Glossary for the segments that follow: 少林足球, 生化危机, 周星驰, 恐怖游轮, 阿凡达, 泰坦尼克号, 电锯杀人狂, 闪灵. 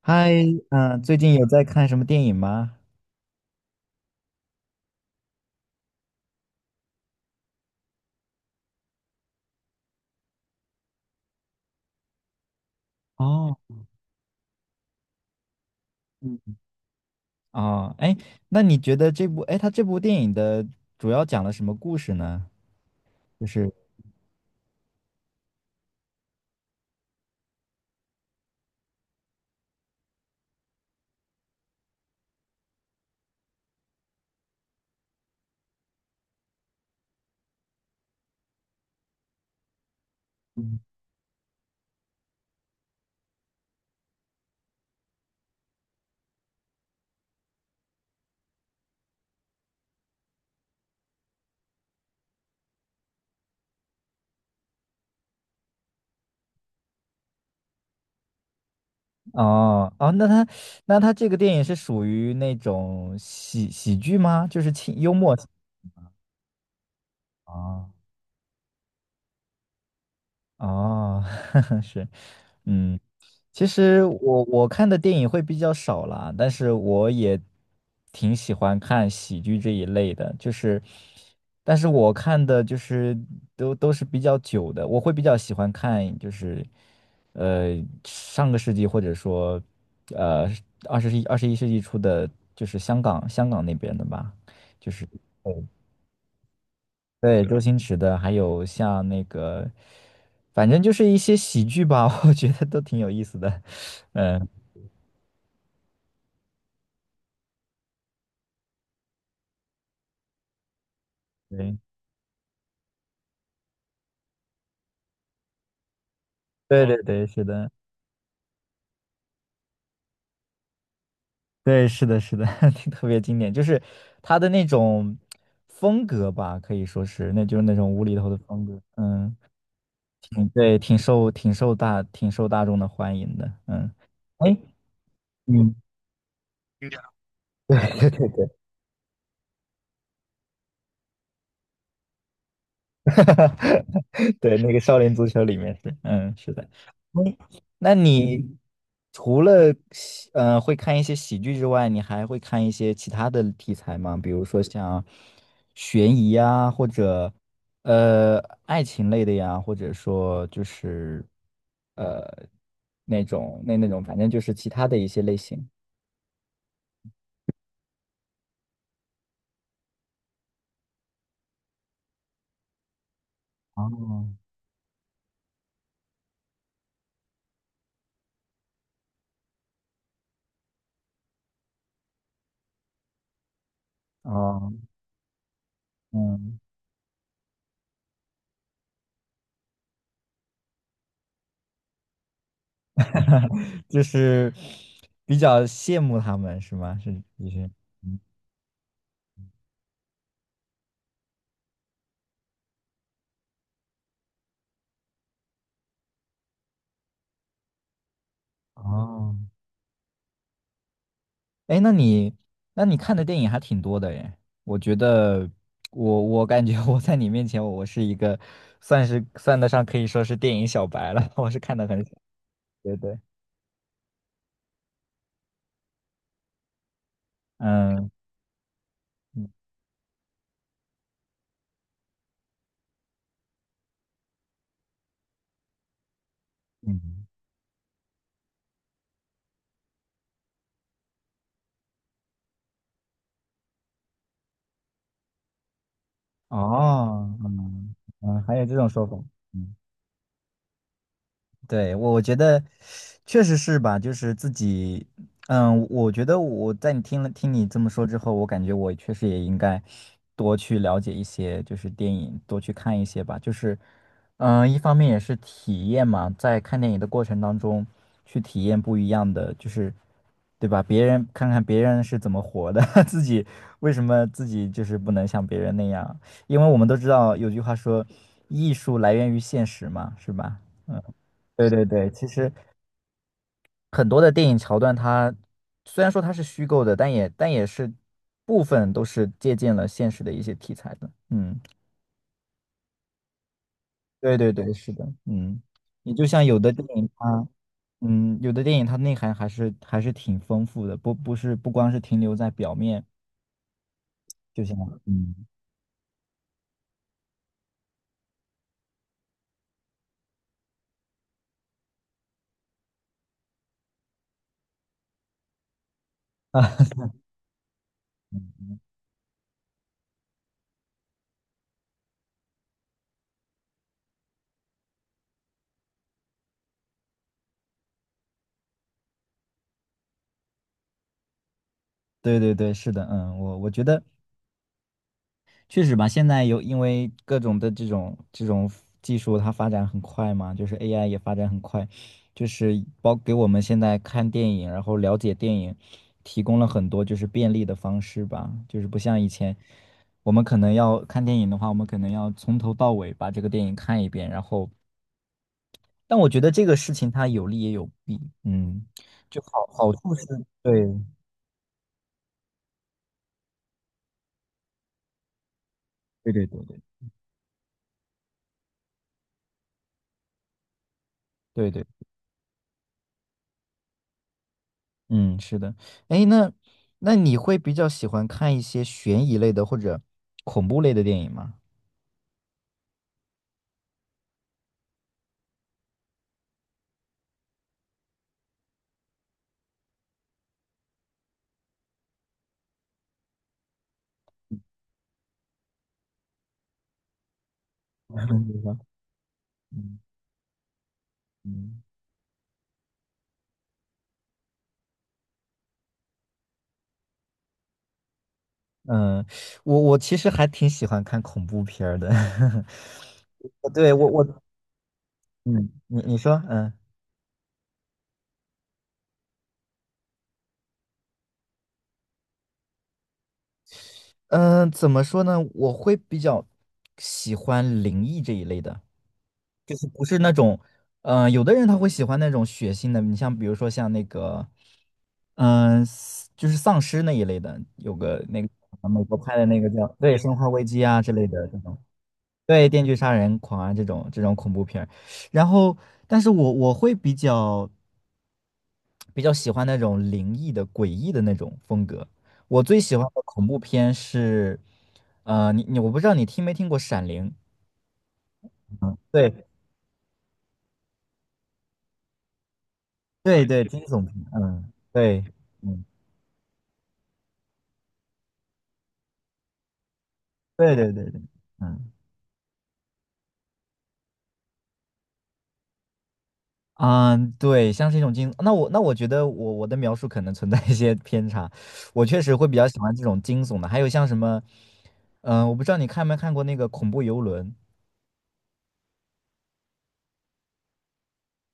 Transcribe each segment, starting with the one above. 嗨，嗯，最近有在看什么电影吗？哦，嗯，哦，哎，那你觉得这部，哎，它这部电影的主要讲了什么故事呢？就是，嗯哦，哦，那它，那它这个电影是属于那种喜剧吗？就是轻幽默。哦，哦，是，嗯。其实我看的电影会比较少啦，但是我也挺喜欢看喜剧这一类的，就是，但是我看的就是都是比较久的，我会比较喜欢看就是，呃，上个世纪或者说，呃，二十一世纪初的，就是香港那边的吧，就是对周星驰的，还有像那个，反正就是一些喜剧吧，我觉得都挺有意思的，嗯。对对嗯对对，是的，对，是的，是的，特别经典，就是他的那种风格吧，可以说是，那就是那种无厘头的风格，嗯，挺对，挺受大众的欢迎的，嗯，哎，嗯，对对对对，哈哈，对，那个少林足球里面是，嗯，是的。嗯那你除了会看一些喜剧之外，你还会看一些其他的题材吗？比如说像悬疑啊，或者呃爱情类的呀，或者说就是呃那种，反正就是其他的一些类型。哦，哦，嗯。就是比较羡慕他们是吗？是就是，嗯哦，哎，那你那你看的电影还挺多的耶。我觉得我感觉我在你面前我，我是一个算是算得上可以说是电影小白了，我是看的很少。对对，嗯嗯嗯，哦，嗯嗯，还有这种说法。嗯对，我觉得确实是吧，就是自己，嗯，我觉得我在你听了听你这么说之后，我感觉我确实也应该多去了解一些，就是电影，多去看一些吧。就是，嗯，一方面也是体验嘛，在看电影的过程当中，去体验不一样的，就是，对吧？别人看别人是怎么活的，自己为什么自己就是不能像别人那样？因为我们都知道有句话说，艺术来源于现实嘛，是吧？对对对，其实很多的电影桥段它，虽然说它是虚构的，但也是部分都是借鉴了现实的一些题材的。嗯，对对对，是的，嗯，你就像有的电影它，嗯，有的电影它内涵还是挺丰富的，不是不光是停留在表面，就像嗯 对对对，是的，嗯，我我觉得。确实吧，现在有因为各种的这种技术，它发展很快嘛，就是 AI 也发展很快，就是包给我们现在看电影，然后了解电影，提供了很多就是便利的方式吧，就是不像以前，我们可能要看电影的话，我们可能要从头到尾把这个电影看一遍，然后，但我觉得这个事情它有利也有弊，嗯，就好处是，对，对对对对对对。嗯，是的。哎，那那你会比较喜欢看一些悬疑类的或者恐怖类的电影吗？嗯，比如说嗯嗯嗯我其实还挺喜欢看恐怖片儿的。对，我我嗯，你你说嗯嗯，怎么说呢？我会比较喜欢灵异这一类的。嗯、有的人他会喜欢那种血腥的，你像比如说像那个，嗯、丧就是丧尸那一类的，有个那个美国拍的那个叫对《生化危机》啊之类的这种，对《电锯杀人狂》啊这种恐怖片儿然后，但是我会比较喜欢那种灵异的、诡异的那种风格。我最喜欢的恐怖片是，你你我不知道你听没听过《闪灵》？嗯，对对对，惊悚片，嗯，对。嗯。对对对对，嗯嗯，对，像是一种惊，那我觉得我的描述可能存在一些偏差，我确实会比较喜欢这种惊悚的，还有像什么，嗯、我不知道你看没看过那个恐怖游轮，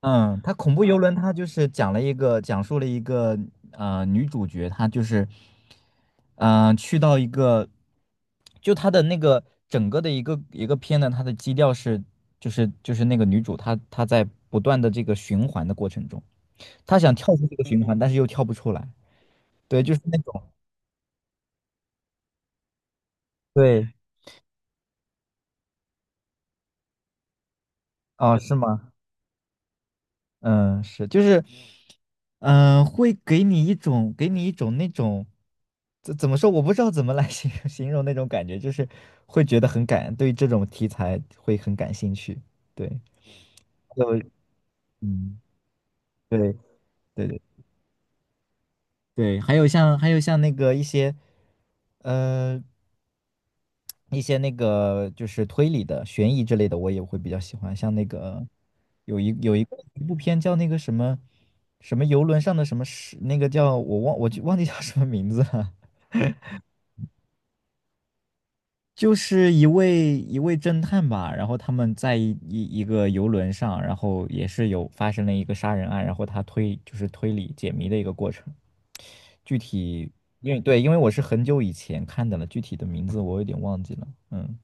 嗯，它恐怖游轮它就是讲述了一个女主角她就是嗯、去到一个，就她的那个整个的一个片呢，它的基调是就是那个女主她在不断的这个循环的过程中。他想跳出这个循环，但是又跳不出来。对，就是那种，对，哦，是吗？嗯，是，就是，嗯、会给你一种那种，怎么说？我不知道怎么来 形容那种感觉，就是会觉得很感，对这种题材会很感兴趣。对，还有，嗯，对，对对对，还有像那个一些，呃。一些那个就是推理的、悬疑之类的，我也会比较喜欢。像那个有一个一部片叫那个什么什么游轮上的什么事，那个叫我就忘记叫什么名字了，就是一位侦探吧，然后他们在一个游轮上，然后也是有发生了一个杀人案，然后他推就是推理解谜的一个过程。具体因为对，因为我是很久以前看的了，具体的名字我有点忘记了。嗯。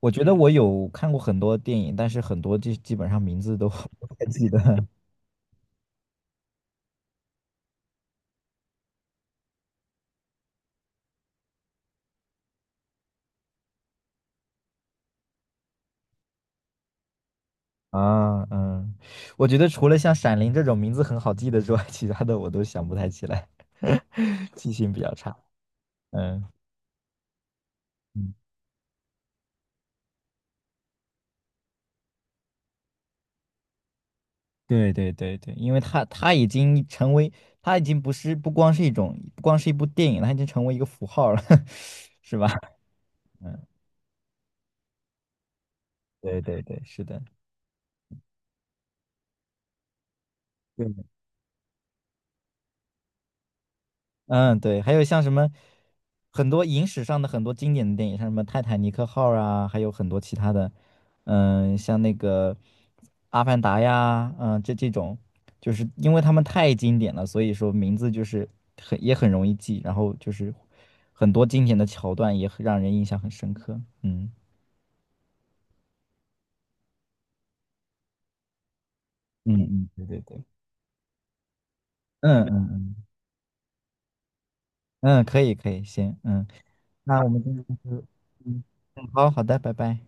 我觉得我有看过很多电影，但是很多基本上名字都 不太记得 啊。嗯，我觉得除了像《闪灵》这种名字很好记的之外，其他的我都想不太起来，记性比较差。嗯嗯，对对对对，因为它它已经成为，它已经不光是一种，不光是一部电影了，它已经成为一个符号了，是吧？嗯，对对对，是的。对嗯，对，还有像什么很多影史上的很多经典的电影，像什么《泰坦尼克号》啊，还有很多其他的，嗯，像那个《阿凡达》呀，嗯，这种，就是因为他们太经典了，所以说名字就是很也很容易记，然后就是很多经典的桥段也很让人印象很深刻。嗯嗯嗯，对对对，嗯嗯嗯嗯，可以可以，行，嗯，那我们今天就嗯嗯，好好的，拜拜。